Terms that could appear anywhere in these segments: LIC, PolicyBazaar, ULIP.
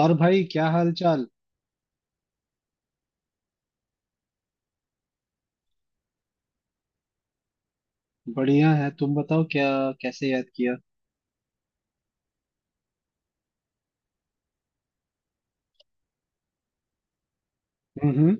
और भाई क्या हाल चाल। बढ़िया है, तुम बताओ, क्या कैसे याद किया? हम्म।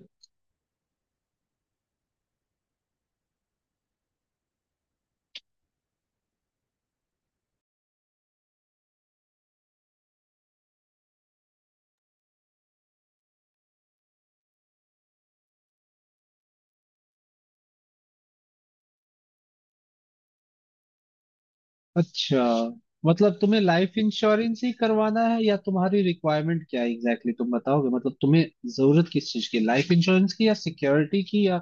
अच्छा, मतलब तुम्हें लाइफ इंश्योरेंस ही करवाना है या तुम्हारी रिक्वायरमेंट क्या है एग्जैक्टली exactly? तुम बताओगे, मतलब तुम्हें जरूरत किस चीज की, लाइफ इंश्योरेंस की या सिक्योरिटी की या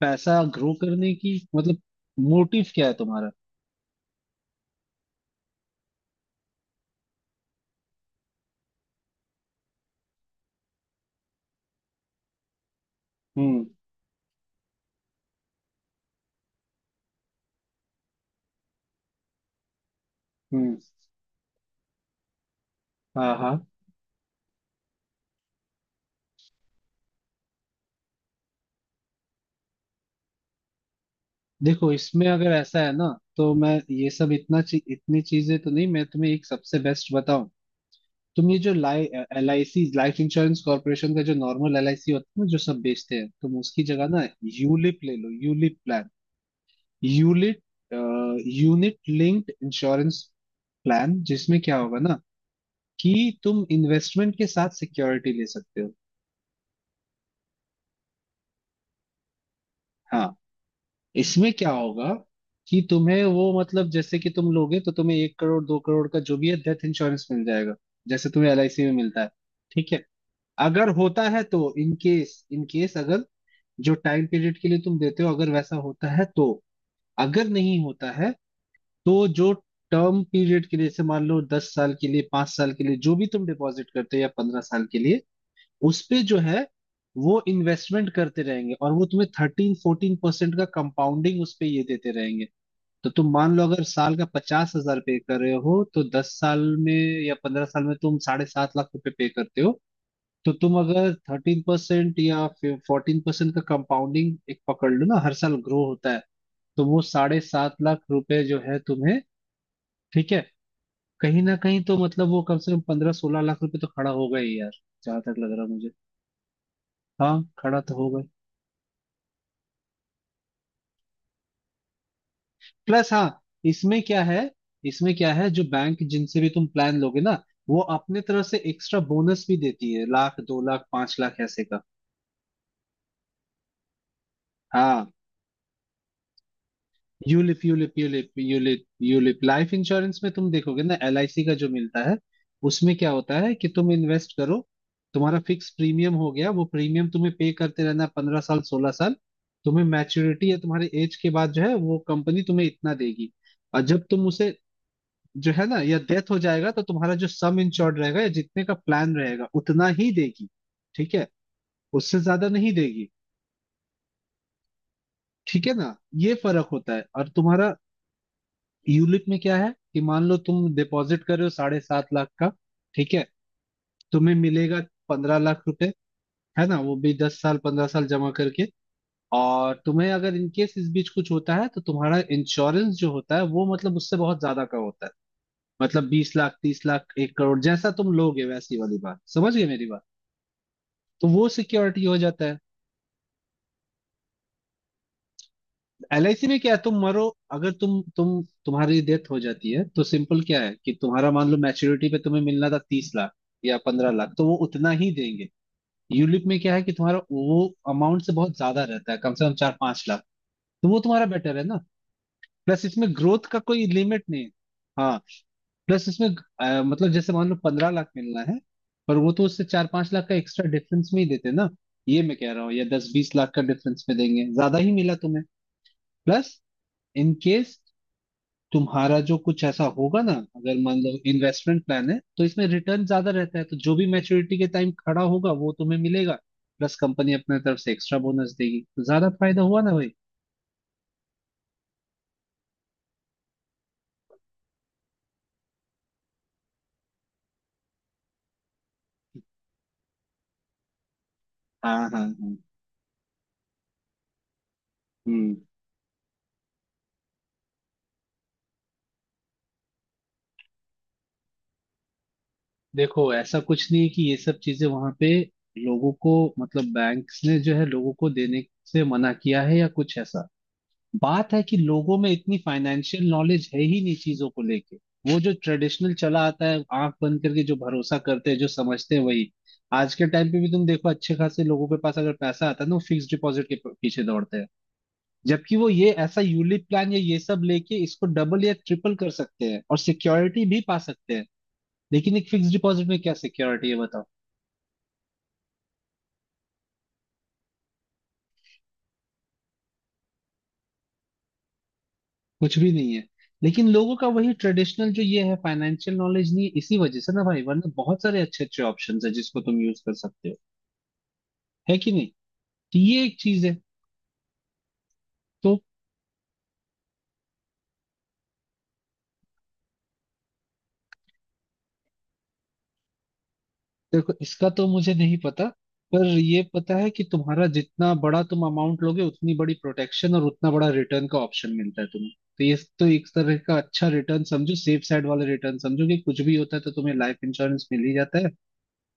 पैसा ग्रो करने की? मतलब मोटिव क्या है तुम्हारा? हम्म। हम्म। हाँ हाँ। देखो, इसमें अगर ऐसा है ना, तो मैं ये सब इतना इतनी चीजें तो नहीं, मैं तुम्हें एक सबसे बेस्ट बताऊं। तुम ये जो लाई एलआईसी, लाइफ इंश्योरेंस कॉर्पोरेशन का जो नॉर्मल एलआईसी होता है ना जो सब बेचते हैं, तुम उसकी जगह ना यूलिप ले लो, यूलिप प्लान, यूलिट यूनिट लिंक्ड इंश्योरेंस प्लान, जिसमें क्या होगा ना कि तुम इन्वेस्टमेंट के साथ सिक्योरिटी ले सकते हो। हाँ। इसमें क्या होगा कि तुम्हें वो, मतलब जैसे कि तुम लोगे तो तुम्हें एक करोड़ दो करोड़ का जो भी है डेथ इंश्योरेंस मिल जाएगा, जैसे तुम्हें एलआईसी में मिलता है। ठीक है? अगर होता है तो इन केस, इन केस अगर जो टाइम पीरियड के लिए तुम देते हो, अगर वैसा होता है तो। अगर नहीं होता है तो जो टर्म पीरियड के लिए, जैसे मान लो 10 साल के लिए, 5 साल के लिए जो भी तुम डिपॉजिट करते हो, या 15 साल के लिए, उस पे जो है वो इन्वेस्टमेंट करते रहेंगे, और वो तुम्हें 13-14% का कंपाउंडिंग उस पे ये देते रहेंगे। तो तुम मान लो अगर साल का 50,000 पे कर रहे हो तो 10 साल में या 15 साल में तुम 7.5 लाख रुपए पे करते हो। तो तुम अगर 13% या 14% का कंपाउंडिंग एक पकड़ लो ना, हर साल ग्रो होता है, तो वो 7.5 लाख रुपए जो है तुम्हें, ठीक है, कहीं ना कहीं तो, मतलब वो कम से कम 15-16 लाख रुपए तो खड़ा होगा ही यार, जहां तक लग रहा है मुझे। हाँ खड़ा तो होगा। प्लस, हाँ, इसमें क्या है, इसमें क्या है, जो बैंक जिनसे भी तुम प्लान लोगे ना, वो अपने तरफ से एक्स्ट्रा बोनस भी देती है, लाख दो लाख पांच लाख ऐसे का। हाँ। ULIP ULIP ULIP ULIP ULIP life insurance में तुम देखोगे ना, एलआईसी का जो मिलता है, उसमें क्या होता है कि तुम इन्वेस्ट करो, तुम्हारा फिक्स प्रीमियम हो गया, वो प्रीमियम तुम्हें पे करते रहना 15 साल 16 साल। तुम्हें मैच्योरिटी या तुम्हारे एज के बाद जो है वो कंपनी तुम्हें इतना देगी। और जब तुम उसे जो है ना, या डेथ हो जाएगा, तो तुम्हारा जो सम इंश्योर्ड रहेगा, या जितने का प्लान रहेगा उतना ही देगी। ठीक है, उससे ज्यादा नहीं देगी। ठीक है ना। ये फर्क होता है। और तुम्हारा यूलिप में क्या है कि मान लो तुम डिपॉजिट कर रहे हो 7.5 लाख का, ठीक है, तुम्हें मिलेगा 15 लाख रुपए। है ना, वो भी 10 साल 15 साल जमा करके। और तुम्हें अगर इन केस इस बीच कुछ होता है तो तुम्हारा इंश्योरेंस जो होता है वो मतलब उससे बहुत ज्यादा का होता है, मतलब 20 लाख 30 लाख एक करोड़, जैसा तुम लोगे वैसी वाली बात, समझ गए मेरी बात? तो वो सिक्योरिटी हो जाता है। एलआईसी में क्या है, तुम मरो, अगर तुम्हारी डेथ हो जाती है तो सिंपल क्या है कि तुम्हारा, मान लो मैच्योरिटी पे तुम्हें मिलना था 30 लाख या 15 लाख, तो वो उतना ही देंगे। यूलिप में क्या है कि तुम्हारा वो अमाउंट से बहुत ज्यादा रहता है, कम से कम 4-5 लाख, तो वो तुम्हारा बेटर है ना। प्लस इसमें ग्रोथ का कोई लिमिट नहीं है। हाँ। प्लस इसमें मतलब जैसे मान लो 15 लाख मिलना है, पर वो तो उससे 4-5 लाख का एक्स्ट्रा डिफरेंस में ही देते ना, ये मैं कह रहा हूँ, या 10-20 लाख का डिफरेंस में देंगे, ज्यादा ही मिला तुम्हें। प्लस इन केस तुम्हारा जो कुछ ऐसा होगा ना, अगर मान लो इन्वेस्टमेंट प्लान है तो इसमें रिटर्न ज्यादा रहता है, तो जो भी मैच्योरिटी के टाइम खड़ा होगा वो तुम्हें मिलेगा। प्लस कंपनी अपने तरफ से एक्स्ट्रा बोनस देगी, तो ज्यादा फायदा हुआ ना भाई। हाँ हाँ हाँ। हम्म। देखो, ऐसा कुछ नहीं है कि ये सब चीजें वहां पे लोगों को, मतलब बैंक्स ने जो है लोगों को देने से मना किया है या कुछ ऐसा। बात है कि लोगों में इतनी फाइनेंशियल नॉलेज है ही नहीं चीजों को लेके। वो जो ट्रेडिशनल चला आता है, आंख बंद करके जो भरोसा करते हैं, जो समझते हैं वही। आज के टाइम पे भी तुम देखो, अच्छे खासे लोगों के पास अगर पैसा आता है ना, वो फिक्स डिपॉजिट के पीछे दौड़ते हैं, जबकि वो ये ऐसा यूलिप प्लान या ये सब लेके इसको डबल या ट्रिपल कर सकते हैं और सिक्योरिटी भी पा सकते हैं। लेकिन एक फिक्स डिपॉजिट में क्या सिक्योरिटी है, बताओ? कुछ भी नहीं है। लेकिन लोगों का वही ट्रेडिशनल जो ये है, फाइनेंशियल नॉलेज नहीं है इसी वजह से ना भाई, वरना बहुत सारे अच्छे अच्छे ऑप्शंस है जिसको तुम यूज कर सकते हो, है कि नहीं। तो ये एक चीज है। तो देखो, इसका तो मुझे नहीं पता, पर ये पता है कि तुम्हारा जितना बड़ा तुम अमाउंट लोगे, उतनी बड़ी प्रोटेक्शन और उतना बड़ा रिटर्न का ऑप्शन मिलता है तुम्हें। तो ये तो एक तरह का अच्छा रिटर्न समझो, सेफ साइड वाला रिटर्न समझो, कि कुछ भी होता है तो तुम्हें लाइफ इंश्योरेंस मिल ही जाता है,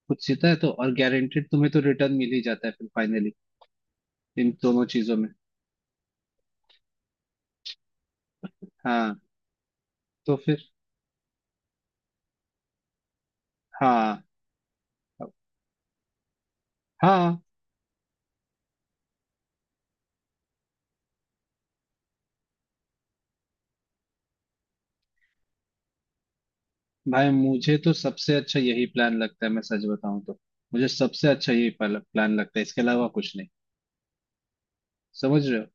कुछ सीता है तो और गारंटेड तुम्हें तो रिटर्न मिल ही जाता है फिर फाइनली, इन दोनों चीजों में। हाँ। तो फिर। हाँ। हाँ। भाई, मुझे तो सबसे अच्छा यही प्लान लगता है, मैं सच बताऊं तो। मुझे सबसे अच्छा यही प्लान लगता है, इसके अलावा कुछ नहीं। समझ रहे हो?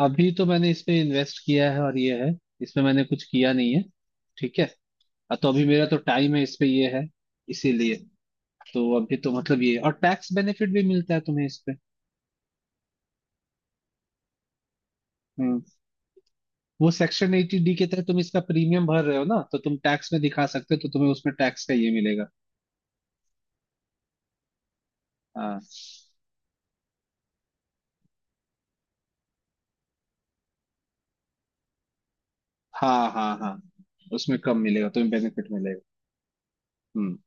अभी तो मैंने इस पे इन्वेस्ट किया है और ये है, इसमें मैंने कुछ किया नहीं है। ठीक है। और तो अभी मेरा तो टाइम है इस पे ये है, इसीलिए। तो अभी तो, मतलब ये और टैक्स बेनिफिट भी मिलता है तुम्हें इस पे। हम्म। वो सेक्शन 80D के तहत तुम इसका प्रीमियम भर रहे हो ना, तो तुम टैक्स में दिखा सकते हो, तो तुम्हें उसमें टैक्स का ये मिलेगा। हाँ, हाँ हाँ हाँ। उसमें कम मिलेगा, तुम्हें बेनिफिट मिलेगा। हम्म।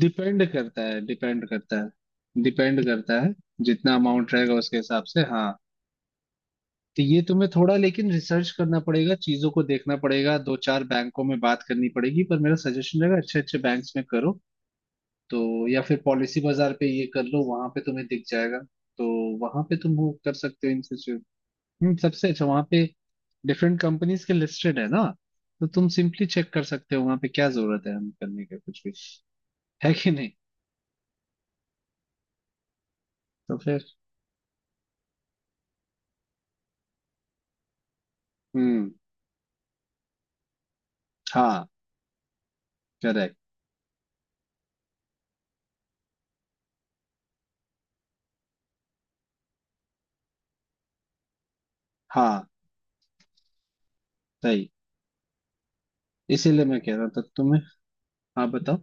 डिपेंड करता है। जितना अमाउंट रहेगा उसके हिसाब से, हाँ। तो ये तुम्हें थोड़ा लेकिन रिसर्च करना पड़ेगा, चीजों को देखना पड़ेगा, दो चार बैंकों में बात करनी पड़ेगी, पर मेरा सजेशन रहेगा अच्छे अच्छे बैंक्स में करो। तो या फिर पॉलिसी बाजार पे ये कर लो, वहां पे तुम्हें दिख जाएगा। तो वहां पे तुम वो कर सकते हो इन सिचुएशन। सबसे अच्छा वहां पे। डिफरेंट कंपनीज के लिस्टेड है ना, तो तुम सिंपली चेक कर सकते हो वहां पे, क्या जरूरत है हम करने का कुछ भी, है कि नहीं। तो फिर। हम्म। हाँ। करेक्ट। हाँ सही। इसीलिए मैं कह रहा था तुम्हें। हाँ बताओ।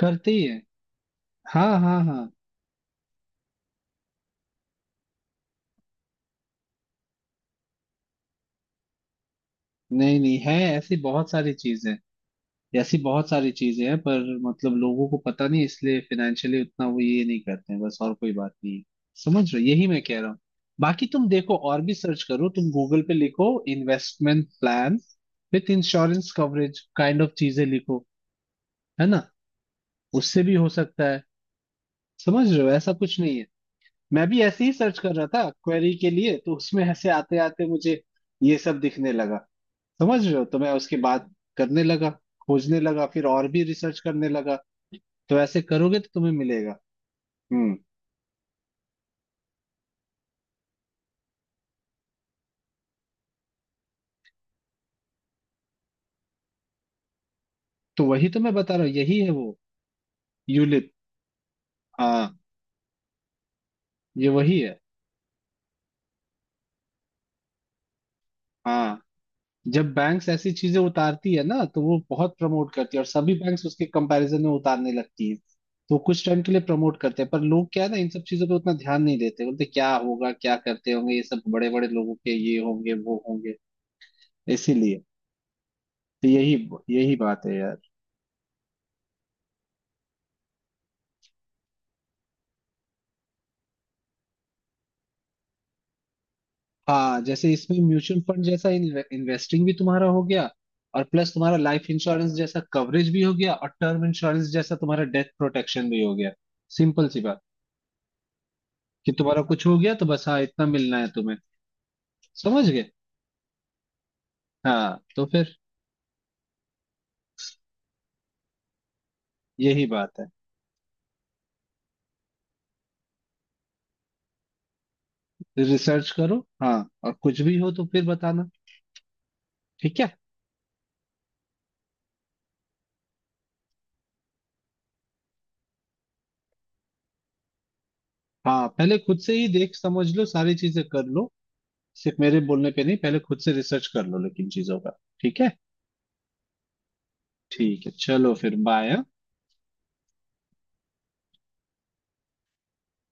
करते ही है, हाँ हाँ हाँ। नहीं नहीं है ऐसी बहुत सारी चीजें। ऐसी बहुत सारी चीजें हैं, पर मतलब लोगों को पता नहीं, इसलिए फाइनेंशियली उतना वो ये नहीं करते हैं बस, और कोई बात नहीं है। समझ रहे हो? यही मैं कह रहा हूँ। बाकी तुम देखो और भी, सर्च करो, तुम गूगल पे लिखो investment plan with insurance coverage, kind of चीजें लिखो, है ना। उससे भी हो सकता है। समझ रहे हो, ऐसा कुछ नहीं है। मैं भी ऐसे ही सर्च कर रहा था क्वेरी के लिए, तो उसमें ऐसे आते आते मुझे ये सब दिखने लगा। समझ रहे हो, तो मैं उसके बाद करने लगा, खोजने लगा, फिर और भी रिसर्च करने लगा। तो ऐसे करोगे तो तुम्हें मिलेगा। हम्म। तो वही तो मैं बता रहा हूँ, यही है वो यूलिप। हाँ, ये वही है। हाँ, जब बैंक्स ऐसी चीजें उतारती है ना, तो वो बहुत प्रमोट करती है और सभी बैंक्स उसके कंपैरिजन में उतारने लगती है। तो कुछ टाइम के लिए प्रमोट करते हैं, पर लोग क्या है ना, इन सब चीजों पे उतना ध्यान नहीं देते, बोलते क्या होगा, क्या करते होंगे, ये सब बड़े बड़े लोगों के ये होंगे वो होंगे। इसीलिए। तो यही, यही बात है यार। हाँ, जैसे इसमें म्यूचुअल फंड जैसा इन्वेस्टिंग भी तुम्हारा हो गया, और प्लस तुम्हारा लाइफ इंश्योरेंस जैसा कवरेज भी हो गया, और टर्म इंश्योरेंस जैसा तुम्हारा डेथ प्रोटेक्शन भी हो गया। सिंपल सी बात, कि तुम्हारा कुछ हो गया तो बस, हाँ, इतना मिलना है तुम्हें। समझ गए। हाँ तो फिर। यही बात है। रिसर्च करो, हाँ, और कुछ भी हो तो फिर बताना। ठीक है। हाँ, पहले खुद से ही देख समझ लो सारी चीजें कर लो, सिर्फ मेरे बोलने पे नहीं, पहले खुद से रिसर्च कर लो लेकिन चीजों का, ठीक है। ठीक है चलो, फिर बाय।